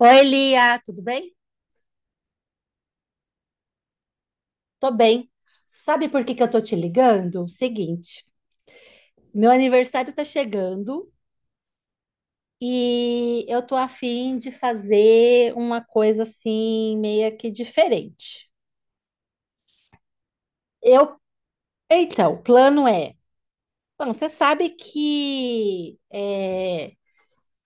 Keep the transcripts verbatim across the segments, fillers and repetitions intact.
Oi, Lia, tudo bem? Tô bem. Sabe por que que eu tô te ligando? Seguinte, meu aniversário tá chegando e eu tô a fim de fazer uma coisa assim, meio que diferente. Eu, então, o plano é, bom, você sabe que eh,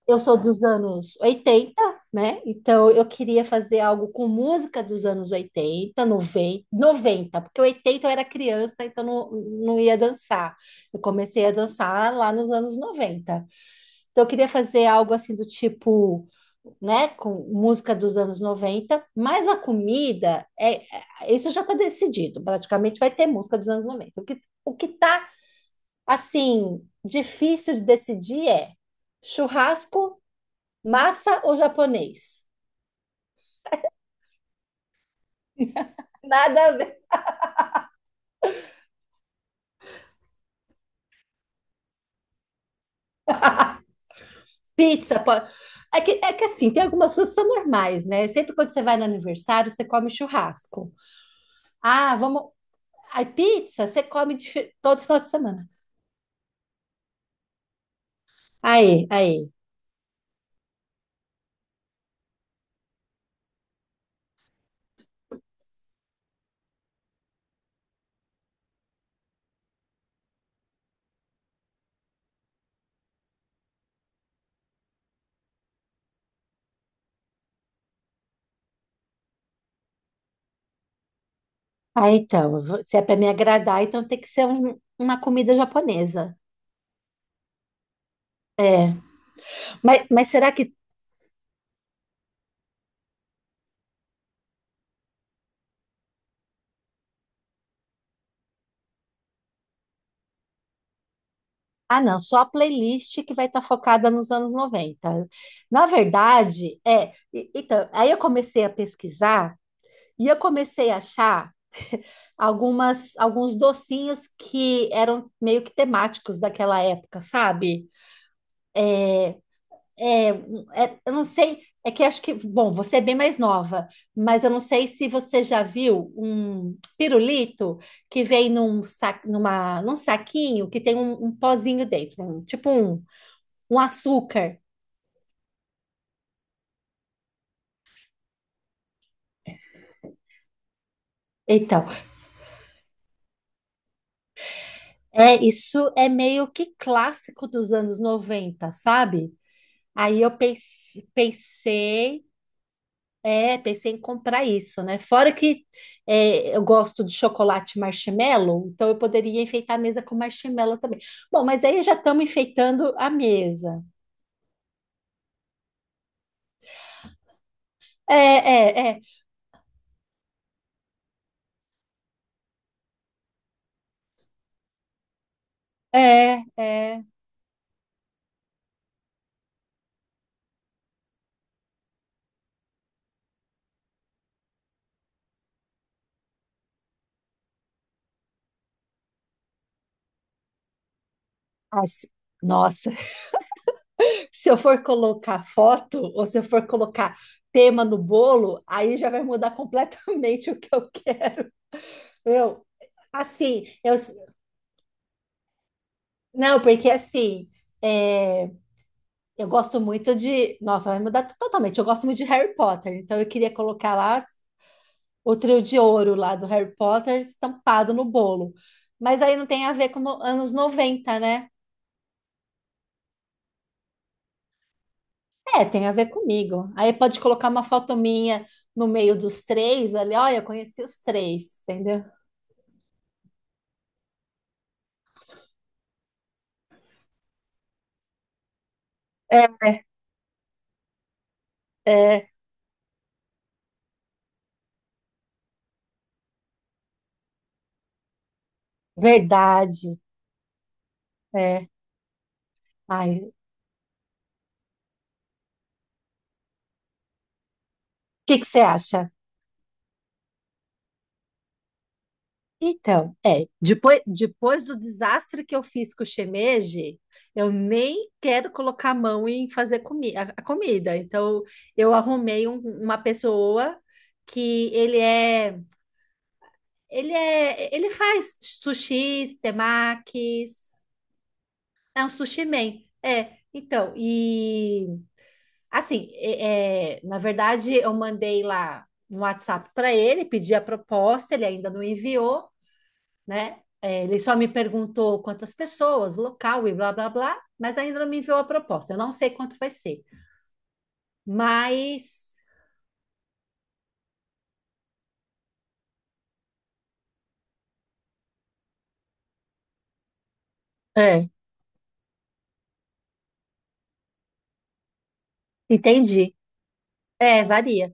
eu sou dos anos oitenta, né? Então eu queria fazer algo com música dos anos oitenta, noventa, noventa, porque oitenta eu era criança, então não, não ia dançar. Eu comecei a dançar lá nos anos noventa. Então eu queria fazer algo assim do tipo, né, com música dos anos noventa, mas a comida é é- isso já está decidido, praticamente vai ter música dos anos noventa. O que o que tá assim difícil de decidir é churrasco, massa ou japonês? Nada a ver. Pizza, pode. É que, é que assim, tem algumas coisas que são normais, né? Sempre quando você vai no aniversário, você come churrasco. Ah, vamos. Aí, pizza, você come dife- todo final de semana. Aí, aí. Aí, então, eu vou- se é para me agradar, então tem que ser um- uma comida japonesa. É. Mas, mas será que. Ah, não, só a playlist que vai estar focada nos anos noventa. Na verdade, é. e- então, aí eu comecei a pesquisar. E eu comecei a achar algumas, alguns docinhos que eram meio que temáticos daquela época, sabe? É, um, é, eu não sei, é que acho que, bom, você é bem mais nova, mas eu não sei se você já viu um pirulito que vem num, sa, numa, num saquinho que tem um, um, pozinho dentro, um- tipo um, um açúcar. Então, é isso é meio que clássico dos anos noventa, sabe? Aí eu pens- pensei. É, pensei em comprar isso, né? Fora que é, eu gosto de chocolate marshmallow, então eu poderia enfeitar a mesa com marshmallow também. Bom, mas aí já estamos enfeitando a mesa. É, é, é, é, é. Ah, se- Nossa, se eu for colocar foto ou se eu for colocar tema no bolo, aí já vai mudar completamente o que eu quero. Eu, assim, eu, não, porque assim. é, Eu gosto muito de. Nossa, vai mudar totalmente. Eu gosto muito de Harry Potter, então eu queria colocar lá o trio de ouro lá do Harry Potter estampado no bolo. Mas aí não tem a ver com no- anos noventa, né? É, tem a ver comigo. Aí pode colocar uma foto minha no meio dos três ali. Olha, eu conheci os três, entendeu? É, é verdade. É. Ai, o que que você acha? Então, é, depois, depois do desastre que eu fiz com o shimeji, eu nem quero colocar a mão em fazer comi a, a comida. Então, eu arrumei um- uma pessoa que ele é, ele é, ele faz sushis, temakis, é um sushi man. É, então, e assim, é, é, na verdade, eu mandei lá um WhatsApp para ele, pedi a proposta, ele ainda não enviou, né? É, ele só me perguntou quantas pessoas, local e blá blá blá, mas ainda não me enviou a proposta. Eu não sei quanto vai ser, mas É, entendi. é, varia.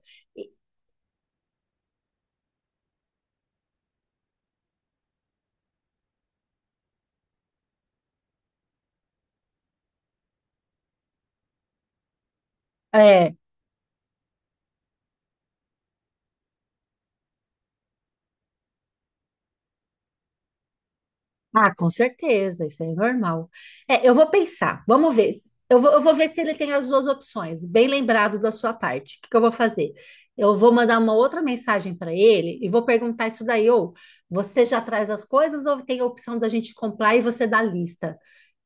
É. Ah, com certeza, isso aí é normal. É, eu vou pensar, vamos ver. Eu vou, eu vou ver se ele tem as duas opções. Bem lembrado da sua parte. O que que eu vou fazer? Eu vou mandar uma outra mensagem para ele e vou perguntar isso daí, ou você já traz as coisas ou tem a opção da gente comprar e você dá a lista?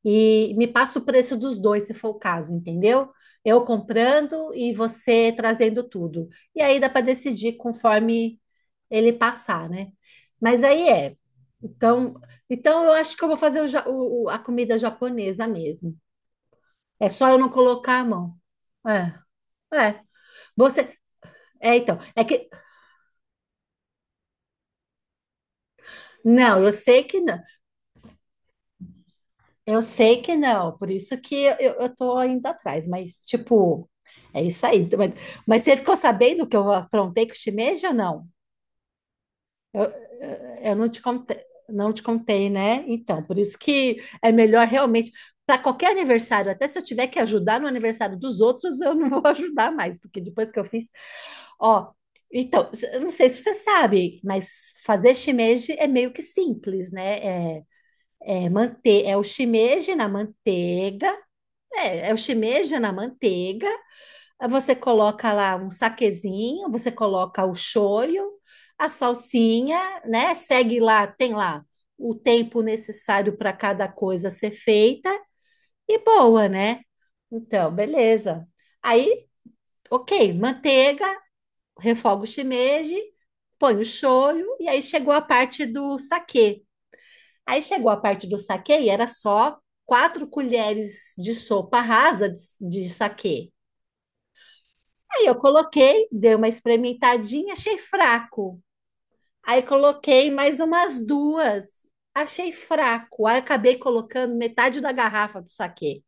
E me passa o preço dos dois, se for o caso, entendeu? Eu comprando e você trazendo tudo. E aí dá para decidir conforme ele passar, né? Mas aí é. Então, então, eu acho que eu vou fazer o ja- o- o- a comida japonesa mesmo. É só eu não colocar a mão. É, é. Você, é, então, é que, não, eu sei que não, eu sei que não, por isso que eu, eu tô indo atrás, mas, tipo, é isso aí. Mas, mas você ficou sabendo que eu aprontei com o shimeji ou não? Eu, eh, eu não te contei, não te contei, né? Então, por isso que é melhor realmente, para qualquer aniversário, até se eu tiver que ajudar no aniversário dos outros, eu não vou ajudar mais, porque depois que eu fiz, ó. Então, eu não sei se você sabe, mas fazer shimeji é meio que simples, né? É, é manter, é o shimeji na manteiga, é, é o shimeji na manteiga, você coloca lá um saquezinho, você coloca o shoyu, a salsinha, né? Segue lá, tem lá o tempo necessário para cada coisa ser feita e boa, né? Então, beleza. Aí, ok, manteiga, refoga o shimeji, põe o shoyu e aí chegou a parte do saquê. Aí chegou a parte do saquê e era só quatro colheres de sopa rasa de, de saquê. Aí eu coloquei, dei uma experimentadinha, achei fraco. Aí coloquei mais umas duas, achei fraco. Aí acabei colocando metade da garrafa do saquê.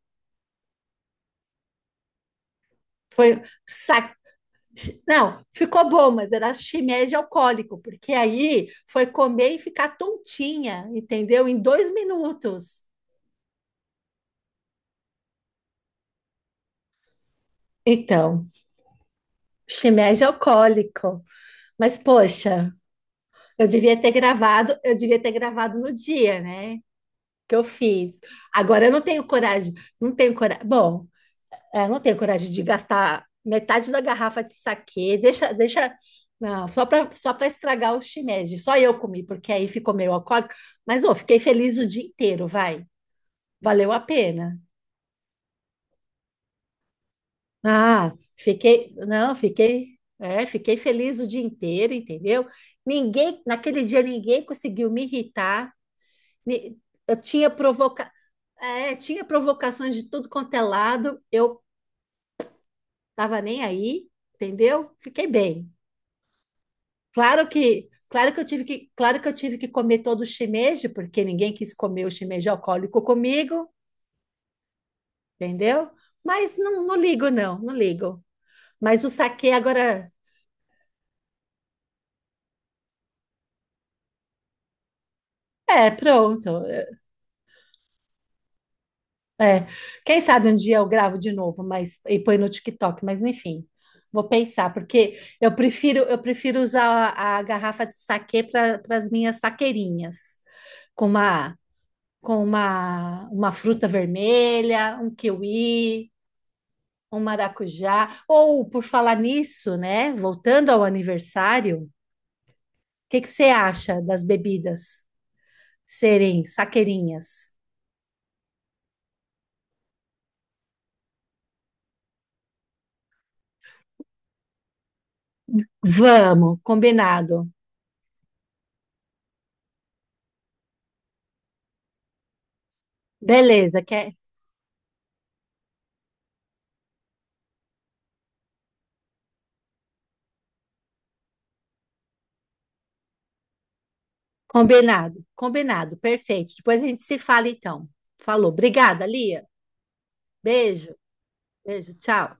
Foi sa... Não, ficou bom, mas era shimeji alcoólico, porque aí foi comer e ficar tontinha, entendeu? Em dois minutos. Então, shimeji alcoólico. Mas, poxa, eu devia ter gravado, eu devia ter gravado no dia, né? Que eu fiz. Agora eu não tenho coragem, não tenho coragem. Bom, eu não tenho coragem de gastar metade da garrafa de saquê. Deixa, deixa, não, só para só para estragar o shimeji. Só eu comi, porque aí ficou meio alcoólico, mas ô, fiquei feliz o dia inteiro, vai. Valeu a pena. Ah, fiquei, não, fiquei, é, fiquei feliz o dia inteiro, entendeu? Ninguém, naquele dia ninguém conseguiu me irritar. Ni- Eu tinha provoca, é, tinha provocações de tudo quanto é lado. Eu tava nem aí, entendeu? Fiquei bem. Claro que, claro que eu tive que, claro que eu tive que comer todo o shimeji, porque ninguém quis comer o shimeji alcoólico comigo, entendeu? Mas não, não ligo não, não ligo. Mas o saquê agora é, pronto. É. Quem sabe um dia eu gravo de novo, mas e põe no TikTok, mas enfim. Vou pensar, porque eu prefiro eu prefiro usar a, a garrafa de saquê para as minhas saqueirinhas com uma com uma, uma fruta vermelha, um kiwi, um maracujá. Ou, por falar nisso, né? Voltando ao aniversário, o que que você acha das bebidas serem saqueirinhas? Vamos, combinado. Beleza, quer? Combinado, combinado, perfeito. Depois a gente se fala então. Falou. Obrigada, Lia. Beijo, beijo, tchau.